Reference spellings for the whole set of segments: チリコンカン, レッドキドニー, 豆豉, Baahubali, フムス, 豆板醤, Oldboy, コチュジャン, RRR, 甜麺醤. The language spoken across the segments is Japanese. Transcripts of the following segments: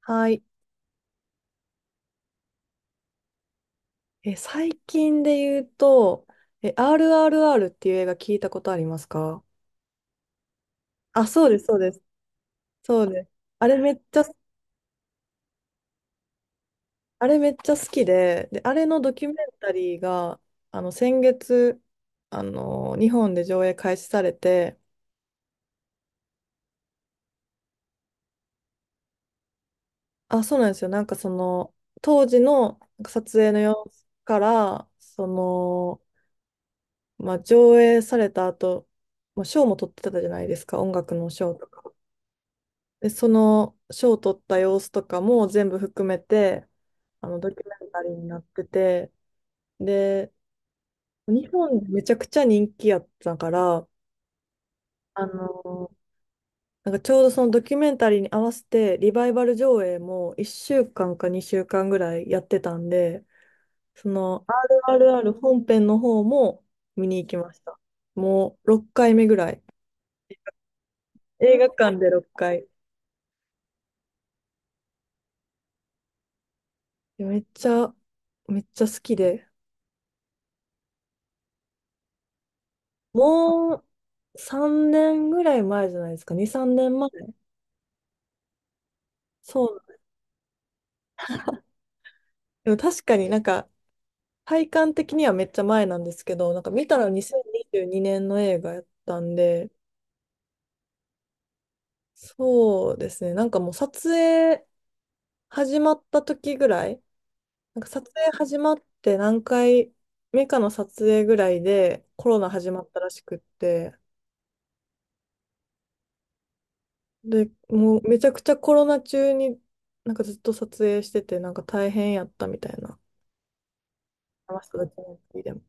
はい。最近で言うと、RRR っていう映画聞いたことありますか？あ、そうです、そうです。そうです。あれめっちゃ、あれめっちゃ好きで、で、あれのドキュメンタリーが、先月、日本で上映開始されて、あ、そうなんですよ。なんかその、当時のなんか撮影の様子から、その、まあ、上映された後、まあ、賞も取ってたじゃないですか、音楽の賞とか。で、その賞を取った様子とかも全部含めて、ドキュメンタリーになってて、で、日本でめちゃくちゃ人気やったから、あの、なんかちょうどそのドキュメンタリーに合わせて、リバイバル上映も1週間か2週間ぐらいやってたんで、その RRR 本編の方も見に行きました。もう6回目ぐらい。映画館で6回。めっちゃ、めっちゃ好きで。もう3年ぐらい前じゃないですか。2、3年前。そう。でも確かになんか、体感的にはめっちゃ前なんですけど、なんか見たら2022年の映画やったんで、そうですね。なんかもう撮影始まった時ぐらい、なんか撮影始まって何回目かの撮影ぐらいでコロナ始まったらしくって、で、もうめちゃくちゃコロナ中になんかずっと撮影してて、なんか大変やったみたいな。マスクドキュメンタリーでも。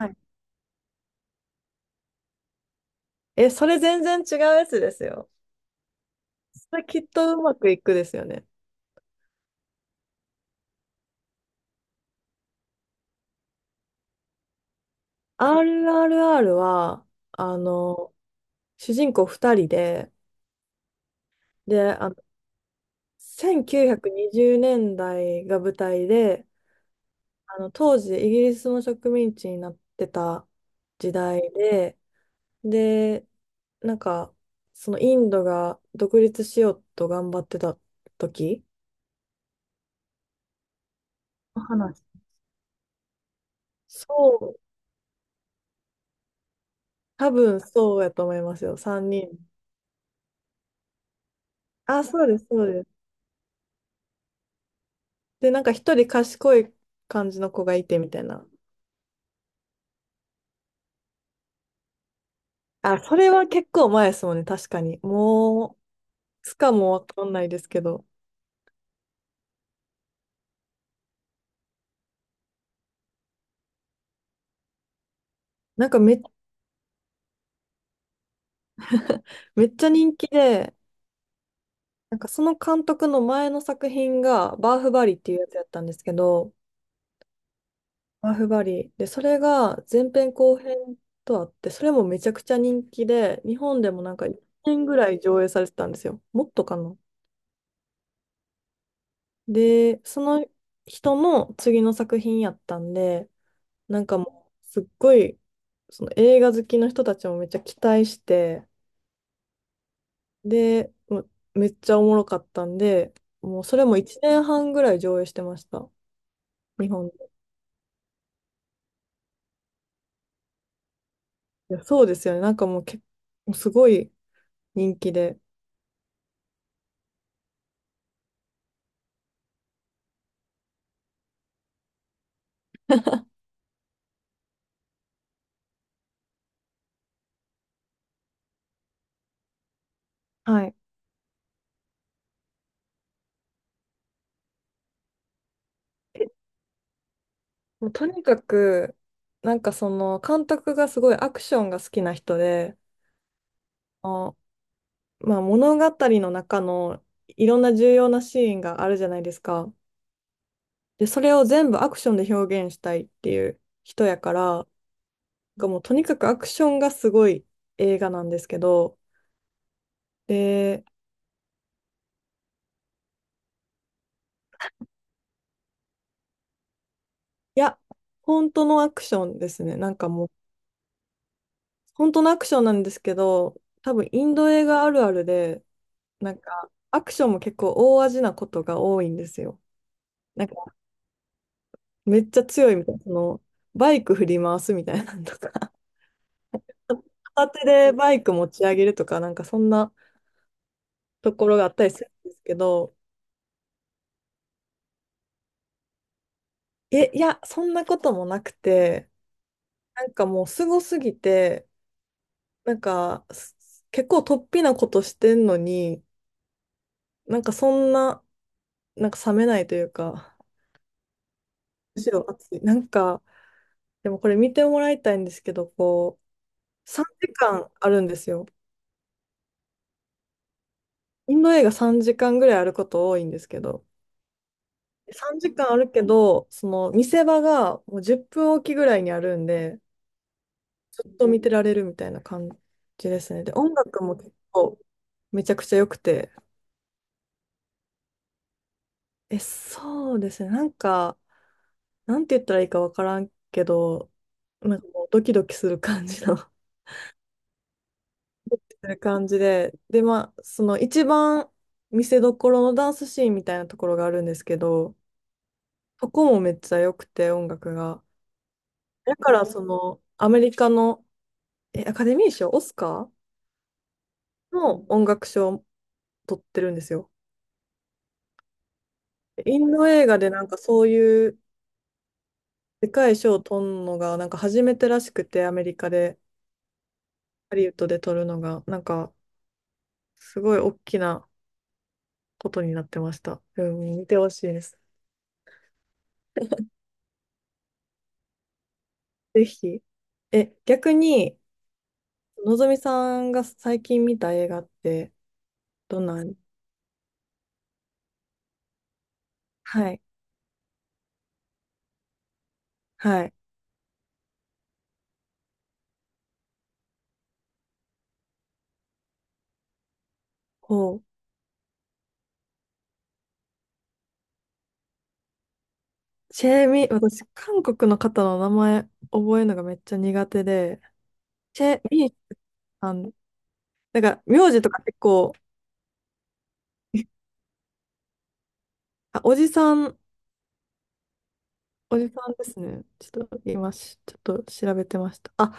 はい。それ全然違うやつですよ。それきっとうまくいくですよね。RRR は、あの、主人公2人で、で、1920年代が舞台で、当時イギリスの植民地になってた時代で、で、なんか、そのインドが独立しようと頑張ってた時の話。そう。多分そうやと思いますよ。3人。あ、そうです、そうです。で、なんか一人賢い感じの子がいてみたいな。あ、それは結構前ですもんね、確かに。もう、いつかもわかんないですけど。なんかめっちゃ人気で、なんかその監督の前の作品が、バーフバリっていうやつやったんですけど、バーフバリ。で、それが前編後編とあって、それもめちゃくちゃ人気で、日本でもなんか1年ぐらい上映されてたんですよ。もっとかな。で、その人の次の作品やったんで、なんかもう、すっごい、その映画好きの人たちもめっちゃ期待して、で、もうめっちゃおもろかったんで、もうそれも1年半ぐらい上映してました。日本で。いやそうですよね。なんかもう結構すごい人気で。はい。えもうとにかく、なんかその監督がすごいアクションが好きな人で、あまあ、物語の中のいろんな重要なシーンがあるじゃないですか。で、それを全部アクションで表現したいっていう人やから、なんかもうとにかくアクションがすごい映画なんですけど、で、いや、本当のアクションですね。なんかもう、本当のアクションなんですけど、多分インド映画あるあるで、なんかアクションも結構大味なことが多いんですよ。なんかめっちゃ強いみたいな、そのバイク振り回すみたいなのとか。片手でバイク持ち上げるとか、なんかそんなところがあったりするんですけど、いや、そんなこともなくて、なんかもうすごすぎて、なんか結構突飛なことしてんのに、なんかそんな、なんか冷めないというか、むしろ熱い。なんか、でもこれ見てもらいたいんですけど、こう、3時間あるんですよ。インド映画3時間ぐらいあること多いんですけど、3時間あるけど、その見せ場がもう10分おきぐらいにあるんで、ずっと見てられるみたいな感じですね。で、音楽も結構めちゃくちゃ良くて。そうですね。なんか、なんて言ったらいいかわからんけど、なんかもうドキドキする感じの ドキドキ する感じで。で、まあ、その一番見せどころのダンスシーンみたいなところがあるんですけど、そこもめっちゃ良くて、音楽が。だから、その、アメリカの、アカデミー賞、オスカーの音楽賞を取ってるんですよ。インド映画でなんかそういうでかい賞を取るのが、なんか初めてらしくて、アメリカで、ハリウッドで取るのが、なんか、すごい大きなことになってました。うん、見てほしいです。ぜひ。逆に、のぞみさんが最近見た映画って、どんな。はい、はい。こう、チェミ、私、韓国の方の名前覚えるのがめっちゃ苦手で、チェミさん、なんか、名字とか結構、あ、おじさん。おじさんですね。ちょっと調べてました。あ、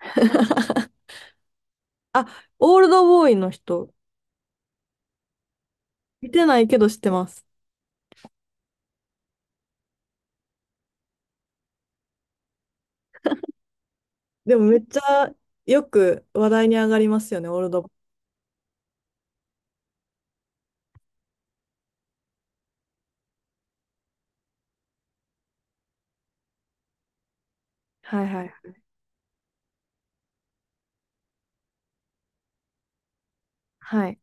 あ、オールドボーイの人。見てないけど知ってます。でもめっちゃよく話題に上がりますよね、オールドボーイ。はいはい。はい。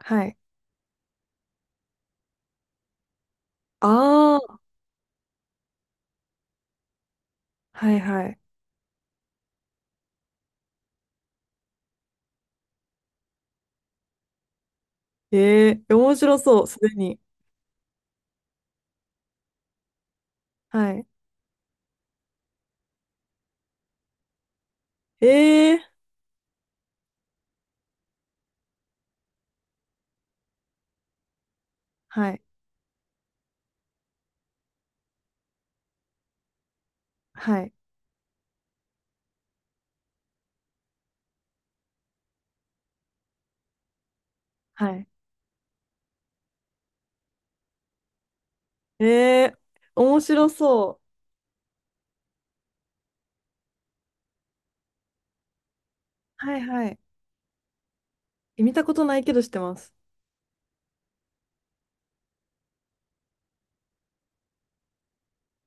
はい。ああ、はいはい。ええ、面白そう、すでに。はい。ええ、はい。はい。はい。ええ、面白そう。はいはい。見たことないけど知ってます。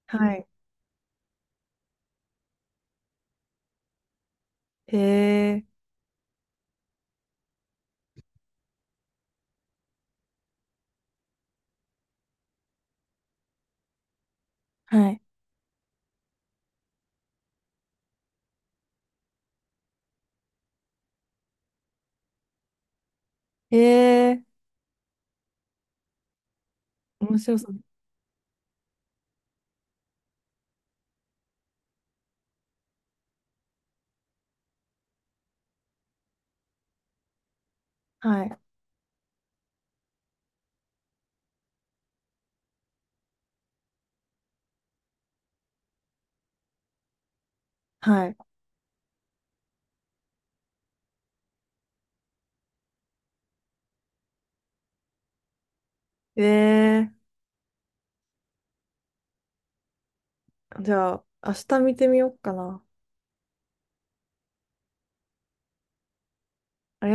はい。へえ。はい。へえ。面白そう。はい。はい。えーじゃあ、明日見てみようかな。ありがとうございます。